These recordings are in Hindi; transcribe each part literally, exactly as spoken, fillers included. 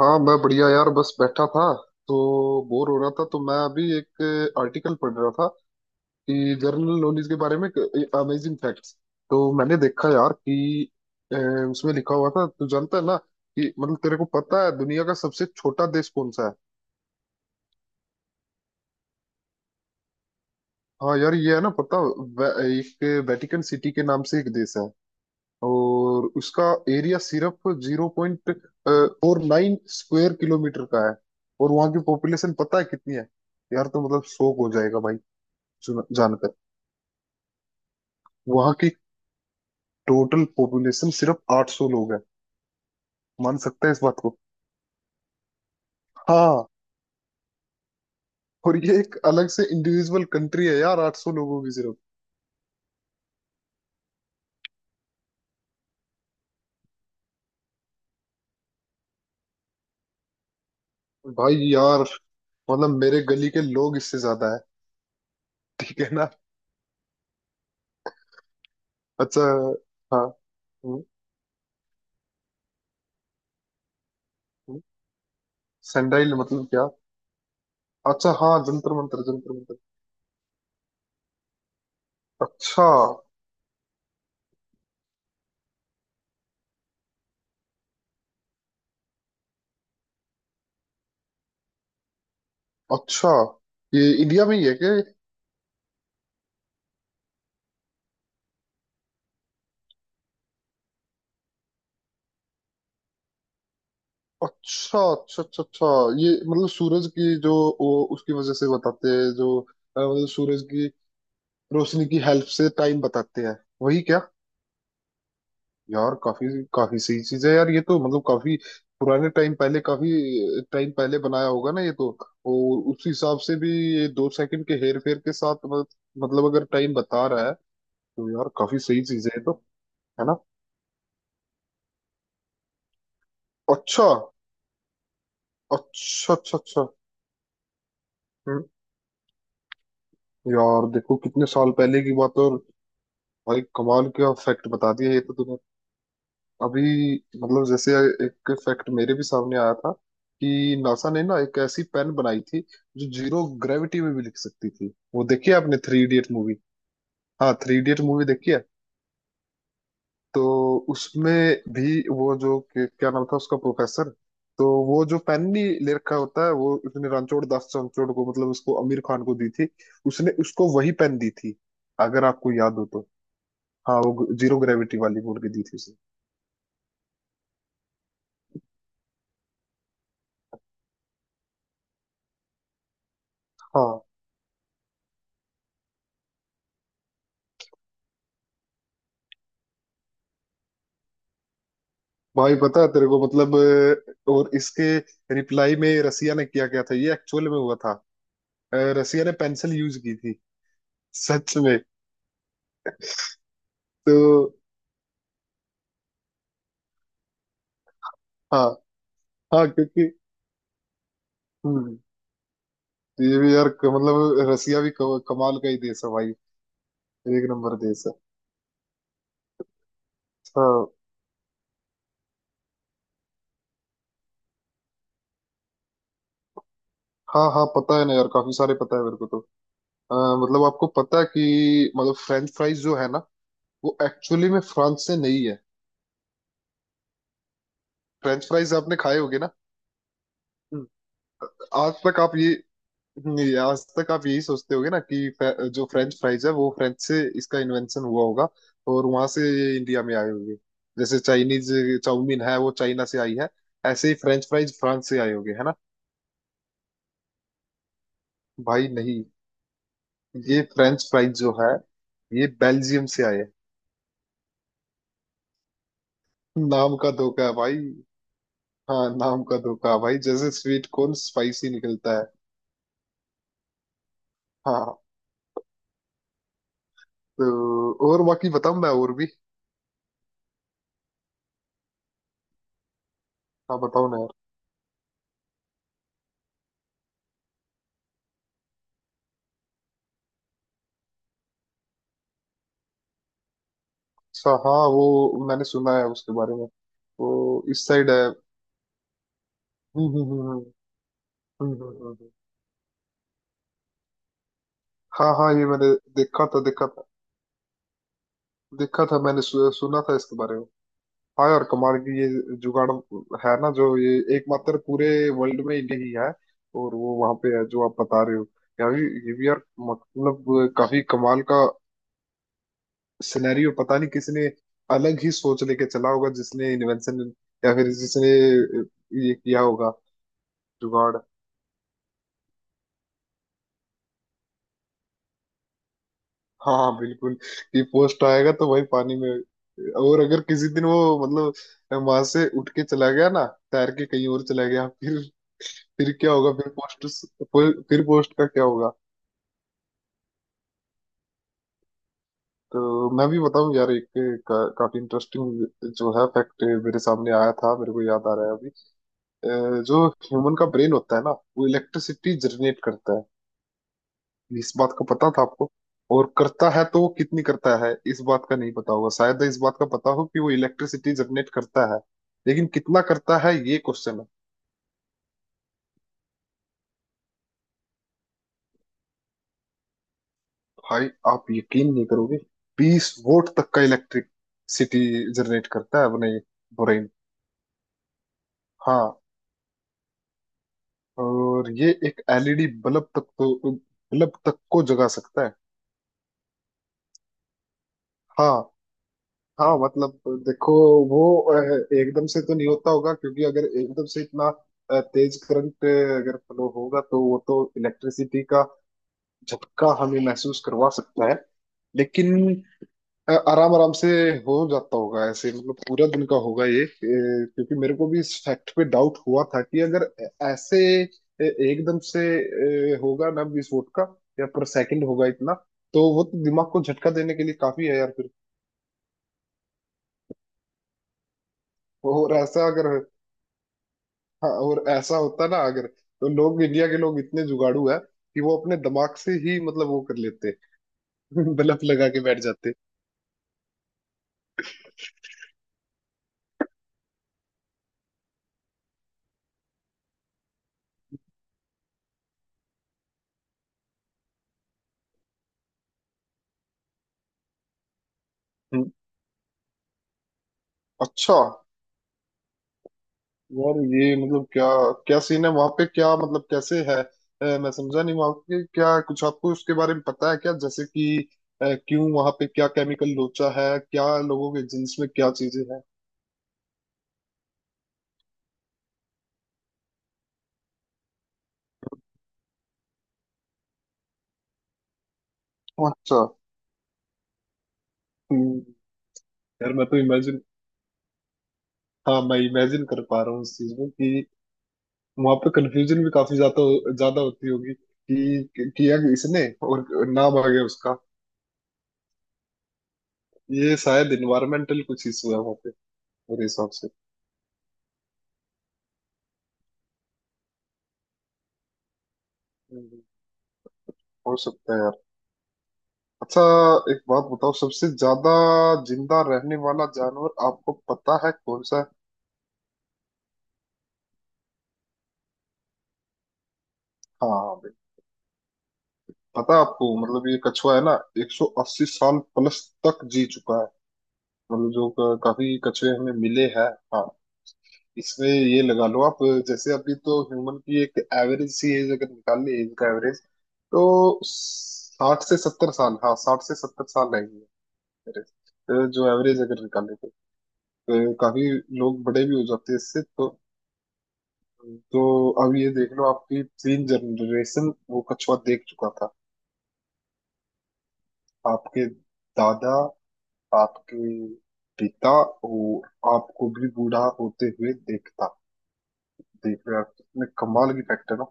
हाँ मैं बढ़िया यार, बस बैठा था। तो बोर हो रहा था, तो मैं अभी एक आर्टिकल पढ़ रहा था कि जनरल नॉलेज के बारे में अमेजिंग फैक्ट्स। तो मैंने देखा यार कि अ, उसमें लिखा हुआ था। तू जानता है ना कि मतलब तेरे को पता है दुनिया का सबसे छोटा देश कौन सा है? हाँ यार, ये है ना पता। वे- एक वेटिकन सिटी के नाम से एक देश है। और उसका एरिया सिर्फ zero point four nine square kilometre का है। और वहाँ की पॉपुलेशन पता है कितनी है? यार, तो मतलब शौक हो जाएगा भाई, सुन जानकर। वहाँ की टोटल पॉपुलेशन सिर्फ आठ सौ लोग है। मान सकते हैं इस बात को? हाँ। और ये एक अलग से इंडिविजुअल कंट्री है यार, आठ सौ लोगों की सिर्फ। भाई यार, मतलब मेरे गली के लोग इससे ज्यादा है। ठीक है ना? अच्छा। हाँ। हम्म। हम्म। सेंडाइल मतलब क्या? अच्छा हाँ, जंतर मंतर जंतर मंतर। अच्छा अच्छा। ये इंडिया में ही है क्या? अच्छा अच्छा अच्छा अच्छा। ये मतलब सूरज की जो, वो उसकी वजह से बताते हैं, जो अ, मतलब सूरज की रोशनी की हेल्प से टाइम बताते हैं, वही क्या? यार, काफी काफी सही चीज है यार ये तो। मतलब काफी पुराने टाइम पहले, काफी टाइम पहले बनाया होगा ना ये तो। और उस हिसाब से भी, ये दो सेकंड के हेर फेर के साथ मत- मतलब अगर टाइम बता रहा है, तो यार काफी सही चीज है ये तो। है ना? अच्छा अच्छा अच्छा अच्छा। हम्म। यार देखो, कितने साल पहले की बात है, और भाई कमाल का फैक्ट बता दिया ये तो तूने अभी। मतलब जैसे, एक फैक्ट मेरे भी सामने आया था कि नासा ने ना एक ऐसी पेन बनाई थी जो जीरो ग्रेविटी में भी लिख सकती थी। वो देखी है आपने, थ्री इडियट मूवी? हाँ, थ्री इडियट मूवी देखी है। तो उसमें भी वो जो, के- क्या नाम था उसका, प्रोफेसर। तो वो जो पेन नहीं ले रखा होता है, वो उसने रणछोड़ दास रणछोड़ को मतलब उसको आमिर खान को दी थी। उसने उसको वही पेन दी थी, अगर आपको याद हो तो। हाँ, वो जीरो ग्रेविटी वाली बोल के दी थी उसने। हाँ भाई, पता है तेरे को मतलब, अ, और इसके रिप्लाई में रसिया ने किया क्या था, ये एक्चुअल में हुआ था। अ, रसिया ने पेंसिल यूज की थी, सच में। तो हाँ हाँ, क्योंकि हम्म, तो ये भी यार, क- मतलब रसिया भी क- कमाल का ही देश है भाई। एक नंबर देश है। हाँ हाँ हाँ, पता है ना यार, काफी सारे पता है मेरे को तो। अ, मतलब आपको पता है कि मतलब फ्रेंच फ्राइज जो है ना, वो एक्चुअली में फ्रांस से नहीं है। फ्रेंच फ्राइज आपने खाए होगे ना? आज तक आप ये, नहीं, आज तक आप यही सोचते होगे ना कि फे- जो फ्रेंच फ्राइज है वो फ्रेंच से इसका इन्वेंशन हुआ होगा और वहां से ये इंडिया में आए होंगे। जैसे चाइनीज चाउमीन है वो चाइना से आई है, ऐसे ही फ्रेंच फ्राइज फ्रांस से आए होंगे, है ना? भाई नहीं। ये फ्रेंच फ्राइज जो है, ये बेल्जियम से आए हैं। नाम का धोखा है भाई। हाँ, नाम का धोखा है भाई, जैसे स्वीट कॉर्न स्पाइसी निकलता है। हाँ, तो और बाकी बताऊं मैं, और भी? हाँ बताओ ना। अच्छा हाँ, वो मैंने सुना है उसके बारे में। वो इस साइड है? हम्म हम्म हम्म हम्म। हम्म, हम्म, हम्म। हम्म। हाँ हाँ, ये मैंने देखा था, देखा था। देखा था मैंने, सु, सुना था इसके बारे में। हाँ यार, कमाल की ये जुगाड़ है ना, जो ये एकमात्र पूरे वर्ल्ड में इंडिया ही है, और वो वहां पे है जो आप बता रहे हो। यार ये ये भी यार, मतलब काफी कमाल का सिनेरियो। पता नहीं किसने अलग ही सोच लेके चला होगा, जिसने इन्वेंशन या फिर जिसने ये किया होगा, जुगाड़। हाँ बिल्कुल, कि पोस्ट आएगा तो भाई पानी में। और अगर किसी दिन वो मतलब वहां से उठ के चला गया ना, तैर के कहीं और चला गया, फिर फिर क्या होगा, फिर पोस्ट, फिर पोस्ट का क्या होगा? तो मैं भी बताऊं यार एक, का, काफी इंटरेस्टिंग जो है फैक्ट मेरे सामने आया था, मेरे को याद आ रहा है अभी। अ, जो ह्यूमन का ब्रेन होता है ना, वो इलेक्ट्रिसिटी जनरेट करता है, इस बात का पता था आपको? और करता है तो वो कितनी करता है, इस बात का नहीं पता होगा। शायद इस बात का पता हो कि वो इलेक्ट्रिसिटी जनरेट करता है, लेकिन कितना करता है ये क्वेश्चन है। भाई, आप यकीन नहीं करोगे, बीस वोल्ट तक का इलेक्ट्रिसिटी जनरेट करता है अपने ब्रेन। हाँ, और ये एक एल ई डी बल्ब तक, तो बल्ब तक को जगा सकता है। हाँ हाँ, मतलब देखो, वो अ, एकदम से तो नहीं होता होगा, क्योंकि अगर एकदम से इतना अ, तेज करंट अगर फ्लो होगा, तो वो तो इलेक्ट्रिसिटी का झटका हमें महसूस करवा सकता है। लेकिन आराम आराम से हो जाता होगा ऐसे, मतलब पूरा दिन का होगा ये। अ, क्योंकि मेरे को भी इस फैक्ट पे डाउट हुआ था कि अगर ऐ- ऐसे अ, एकदम से अ, होगा ना विस्फोट का, या पर सेकंड होगा इतना, तो वो तो दिमाग को झटका देने के लिए काफी है यार फिर। और ऐसा अगर, हाँ और ऐसा होता ना अगर, तो लोग इंडिया के लोग इतने जुगाड़ू है कि वो अपने दिमाग से ही मतलब वो कर लेते बलफ लगा के बैठ जाते। हम्म। अच्छा। यार ये मतलब क्या, क्या सीन है वहां पे, क्या मतलब कैसे है? अ, मैं समझा नहीं, वहां पे क्या कुछ आपको उसके बारे में पता है क्या, जैसे कि अ, क्यों वहां पे, क्या केमिकल लोचा है क्या, लोगों के जीन्स में क्या चीजें हैं? अच्छा। हम्म, यार मैं तो इमेजिन, हाँ मैं इमेजिन कर पा रहा हूँ इस चीज में, कि वहां पे कंफ्यूजन भी काफी ज्यादा ज्यादा होती होगी कि कि- किया इसने और नाम आ गया उसका। ये शायद इन्वायरमेंटल कुछ इशू है वहां पे, मेरे हिसाब से। हम्म, हो सकता है यार। अच्छा, एक बात बताओ। सबसे ज्यादा जिंदा रहने वाला जानवर आपको पता है कौन सा है? हाँ भाई। पता है आपको मतलब ये कछुआ है ना, एक सौ अस्सी साल प्लस तक जी चुका है। मतलब जो क- काफी कछुए हमें मिले हैं। हाँ, इसमें ये लगा लो आप। जैसे अभी तो ह्यूमन की एक एवरेज सी एज अगर निकाल ली, एज का एवरेज, तो साठ से सत्तर साल, हाँ साठ से सत्तर साल है ये। average, अ, जो एवरेज अगर निकाले तो, अ, काफी लोग बड़े भी हो जाते हैं इससे तो। तो अब ये देख लो, आपकी तीन जनरेशन वो कछुआ देख चुका था, आपके दादा, आपके पिता, और आपको भी बूढ़ा होते हुए देखता। देख रहे हो आप कितने कमाल की फैक्टर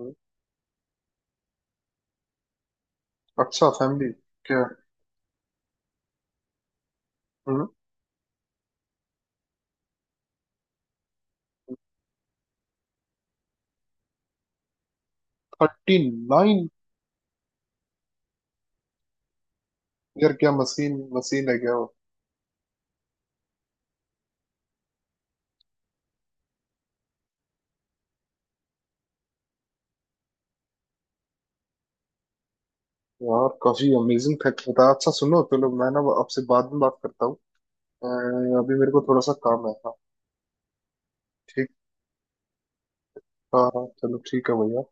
हो? अच्छा, फैमिली क्या, थर्टी नाइन? यार क्या मशीन मशीन है क्या वो? यार काफी अमेजिंग फैक्ट बताया। अच्छा सुनो चलो, मैं ना आपसे बाद में बात करता हूँ। अ, अभी मेरे को थोड़ा सा काम है, हाँ। ठीक। हाँ हाँ, चलो ठीक है भैया।